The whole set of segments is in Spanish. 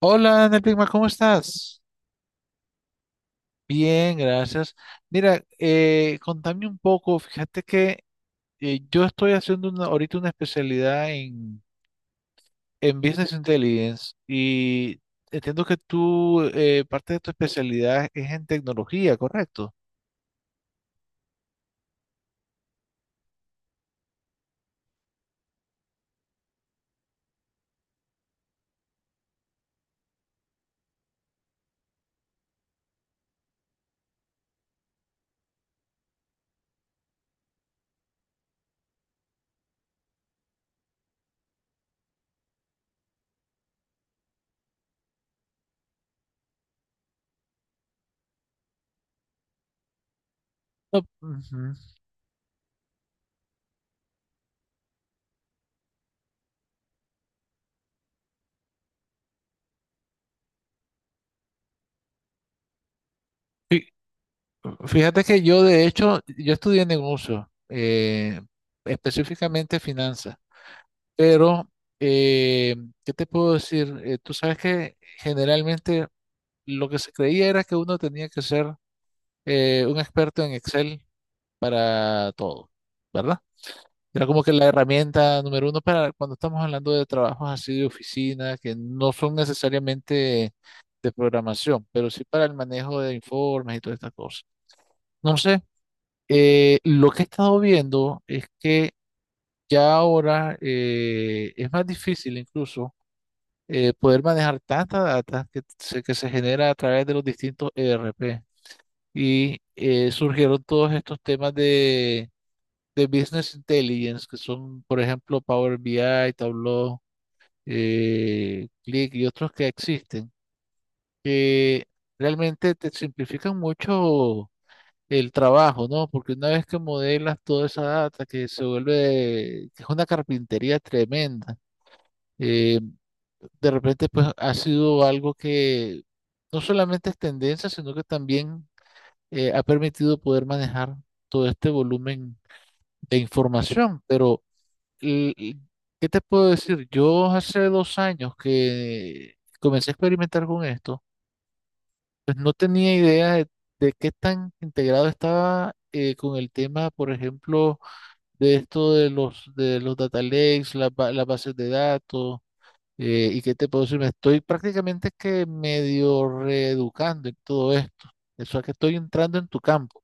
Hola, Ana Pigma, ¿cómo estás? Bien, gracias. Mira, contame un poco, fíjate que yo estoy haciendo ahorita una especialidad en Business Intelligence y entiendo que tú, parte de tu especialidad es en tecnología, ¿correcto? No, ujú. Fí- Fíjate que yo, de hecho, yo estudié negocio, específicamente finanzas, pero, eh, ¿qué te puedo decir? Tú sabes que generalmente lo que se creía era que uno tenía que ser un experto en Excel para todo, ¿verdad? Era como que la herramienta número uno para cuando estamos hablando de trabajos así de oficina, que no son necesariamente de programación, pero sí para el manejo de informes y todas estas cosas. No sé, lo que he estado viendo es que ya ahora es más difícil incluso poder manejar tanta data que se genera a través de los distintos ERP. Y surgieron todos estos temas de Business Intelligence, que son, por ejemplo, Power BI, Tableau, Click y otros que existen, que realmente te simplifican mucho el trabajo, ¿no? Porque una vez que modelas toda esa data, que se vuelve, que es una carpintería tremenda, eh, de repente pues ha sido algo que no solamente es tendencia, sino que también ha permitido poder manejar todo este volumen de información. Pero, l- l- ¿qué te puedo decir? Yo hace dos años que comencé a experimentar con esto, pues no tenía idea de qué tan integrado estaba con el tema, por ejemplo, de esto de de los data lakes, las bases de datos. Y qué te puedo decir, me estoy prácticamente que medio reeducando en todo esto. Eso es que estoy entrando en tu campo.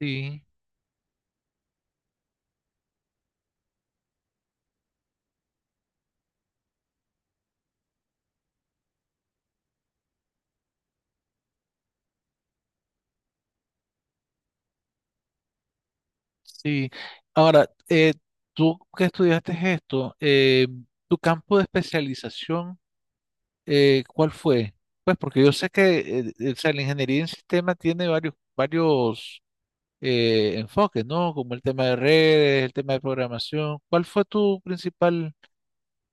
Sí. Sí, ahora, tú que estudiaste esto, tu campo de especialización, ¿cuál fue? Pues porque yo sé que o sea, la ingeniería en sistema tiene varios enfoques, ¿no? Como el tema de redes, el tema de programación. ¿Cuál fue tu principal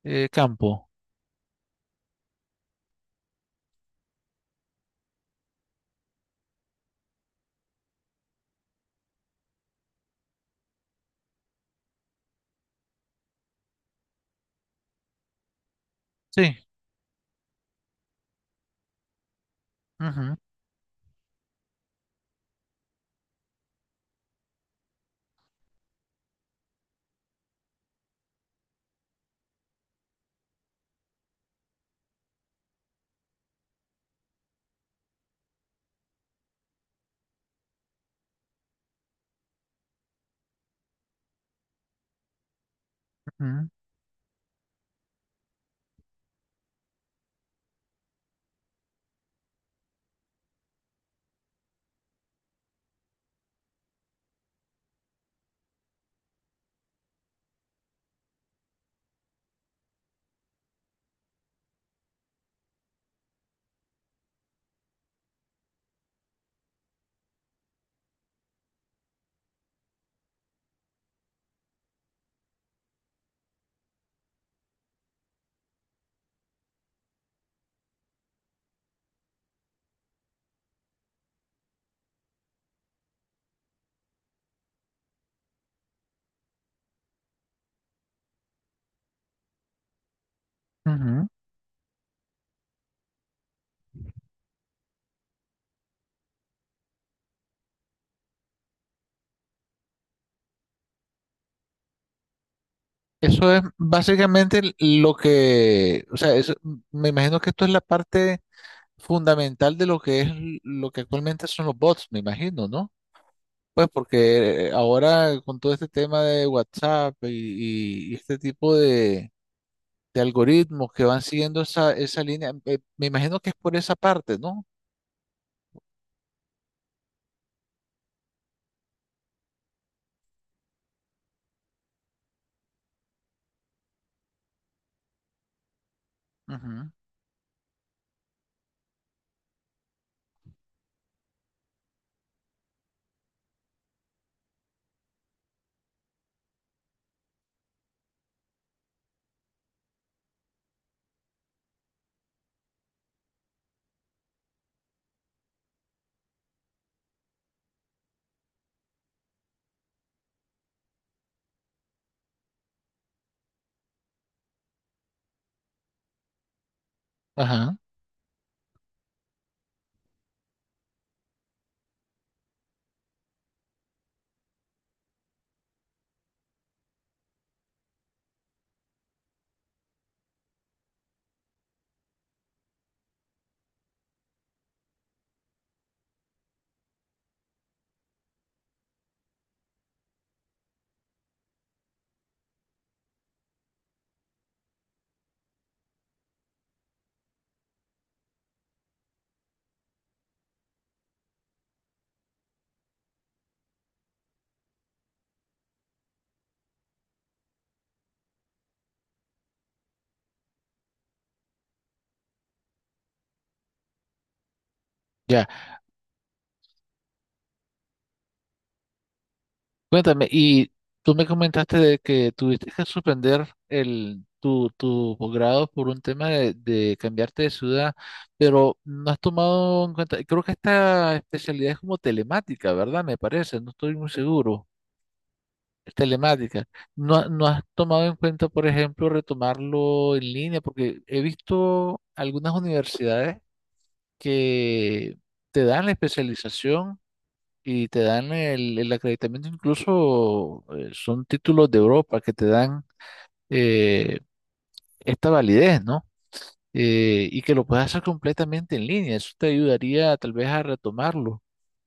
campo? Sí. Ujú, ujú, ujú. Eso es básicamente lo que, o sea, me imagino que esto es la parte fundamental de lo que es lo que actualmente son los bots, me imagino, ¿no? Pues porque ahora con todo este tema de WhatsApp y este tipo de algoritmos que van siguiendo esa línea, me imagino que es por esa parte, ¿no? Ujú. Ajá. Ya. Cuéntame, y tú me comentaste de que tuviste que suspender tu posgrado por un tema de cambiarte de ciudad, pero no has tomado en cuenta, creo que esta especialidad es como telemática, ¿verdad? Me parece, no estoy muy seguro, es telemática. No, no has tomado en cuenta, por ejemplo, retomarlo en línea, porque he visto algunas universidades que te dan la especialización y te dan el acreditamiento, incluso son títulos de Europa que te dan eh, esta validez, ¿no? Y que lo puedas hacer completamente en línea, eso te ayudaría tal vez a retomarlo.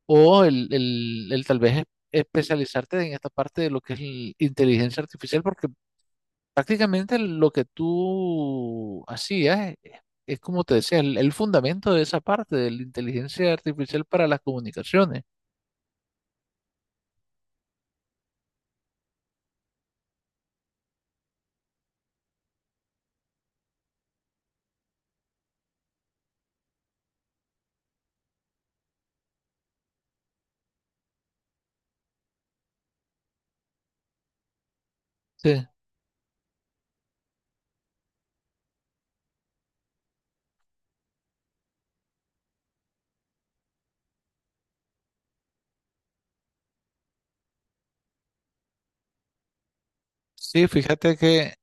O el tal vez especializarte en esta parte de lo que es el inteligencia artificial, porque prácticamente lo que tú hacías es como te decía, el fundamento de esa parte de la inteligencia artificial para las comunicaciones. Sí, sí, fíjate que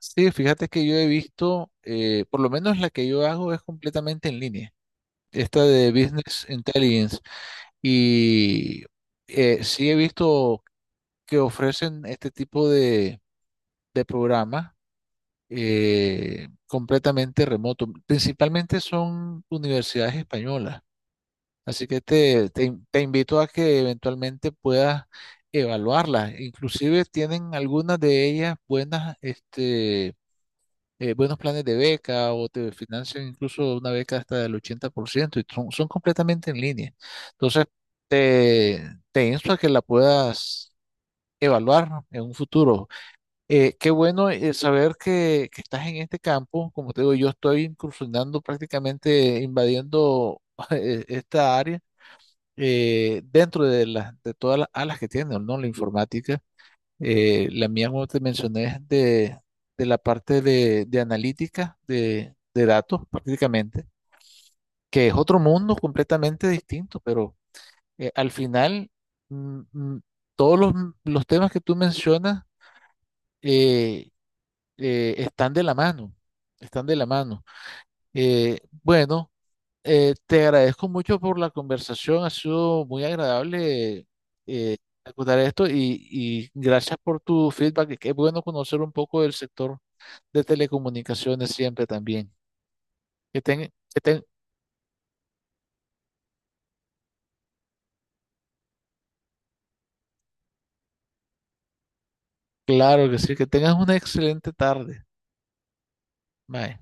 sí, fíjate que yo he visto, por lo menos la que yo hago es completamente en línea, esta de Business Intelligence, y sí he visto que ofrecen este tipo de programas completamente remoto. Principalmente son universidades españolas, así que te invito a que eventualmente puedas evaluarlas. Inclusive tienen algunas de ellas buenas, este buenos planes de beca o te financian incluso una beca hasta del 80% y son, son completamente en línea. Entonces, te, te insto a que la puedas evaluar en un futuro. Qué bueno saber que estás en este campo. Como te digo, yo estoy incursionando prácticamente, invadiendo esta área dentro de, las de todas las alas que tiene, ¿no? La informática. La mía, como te mencioné, es de la parte de analítica de datos prácticamente, que es otro mundo completamente distinto, pero al final mm, mm, todos los temas que tú mencionas eh, están de la mano, están de la mano. Bueno, te agradezco mucho por la conversación, ha sido muy agradable eh, acordar esto y gracias por tu feedback, qué bueno conocer un poco del sector de telecomunicaciones siempre también. Que tengan, que ten- Claro que sí, que tengas una excelente tarde. Bye.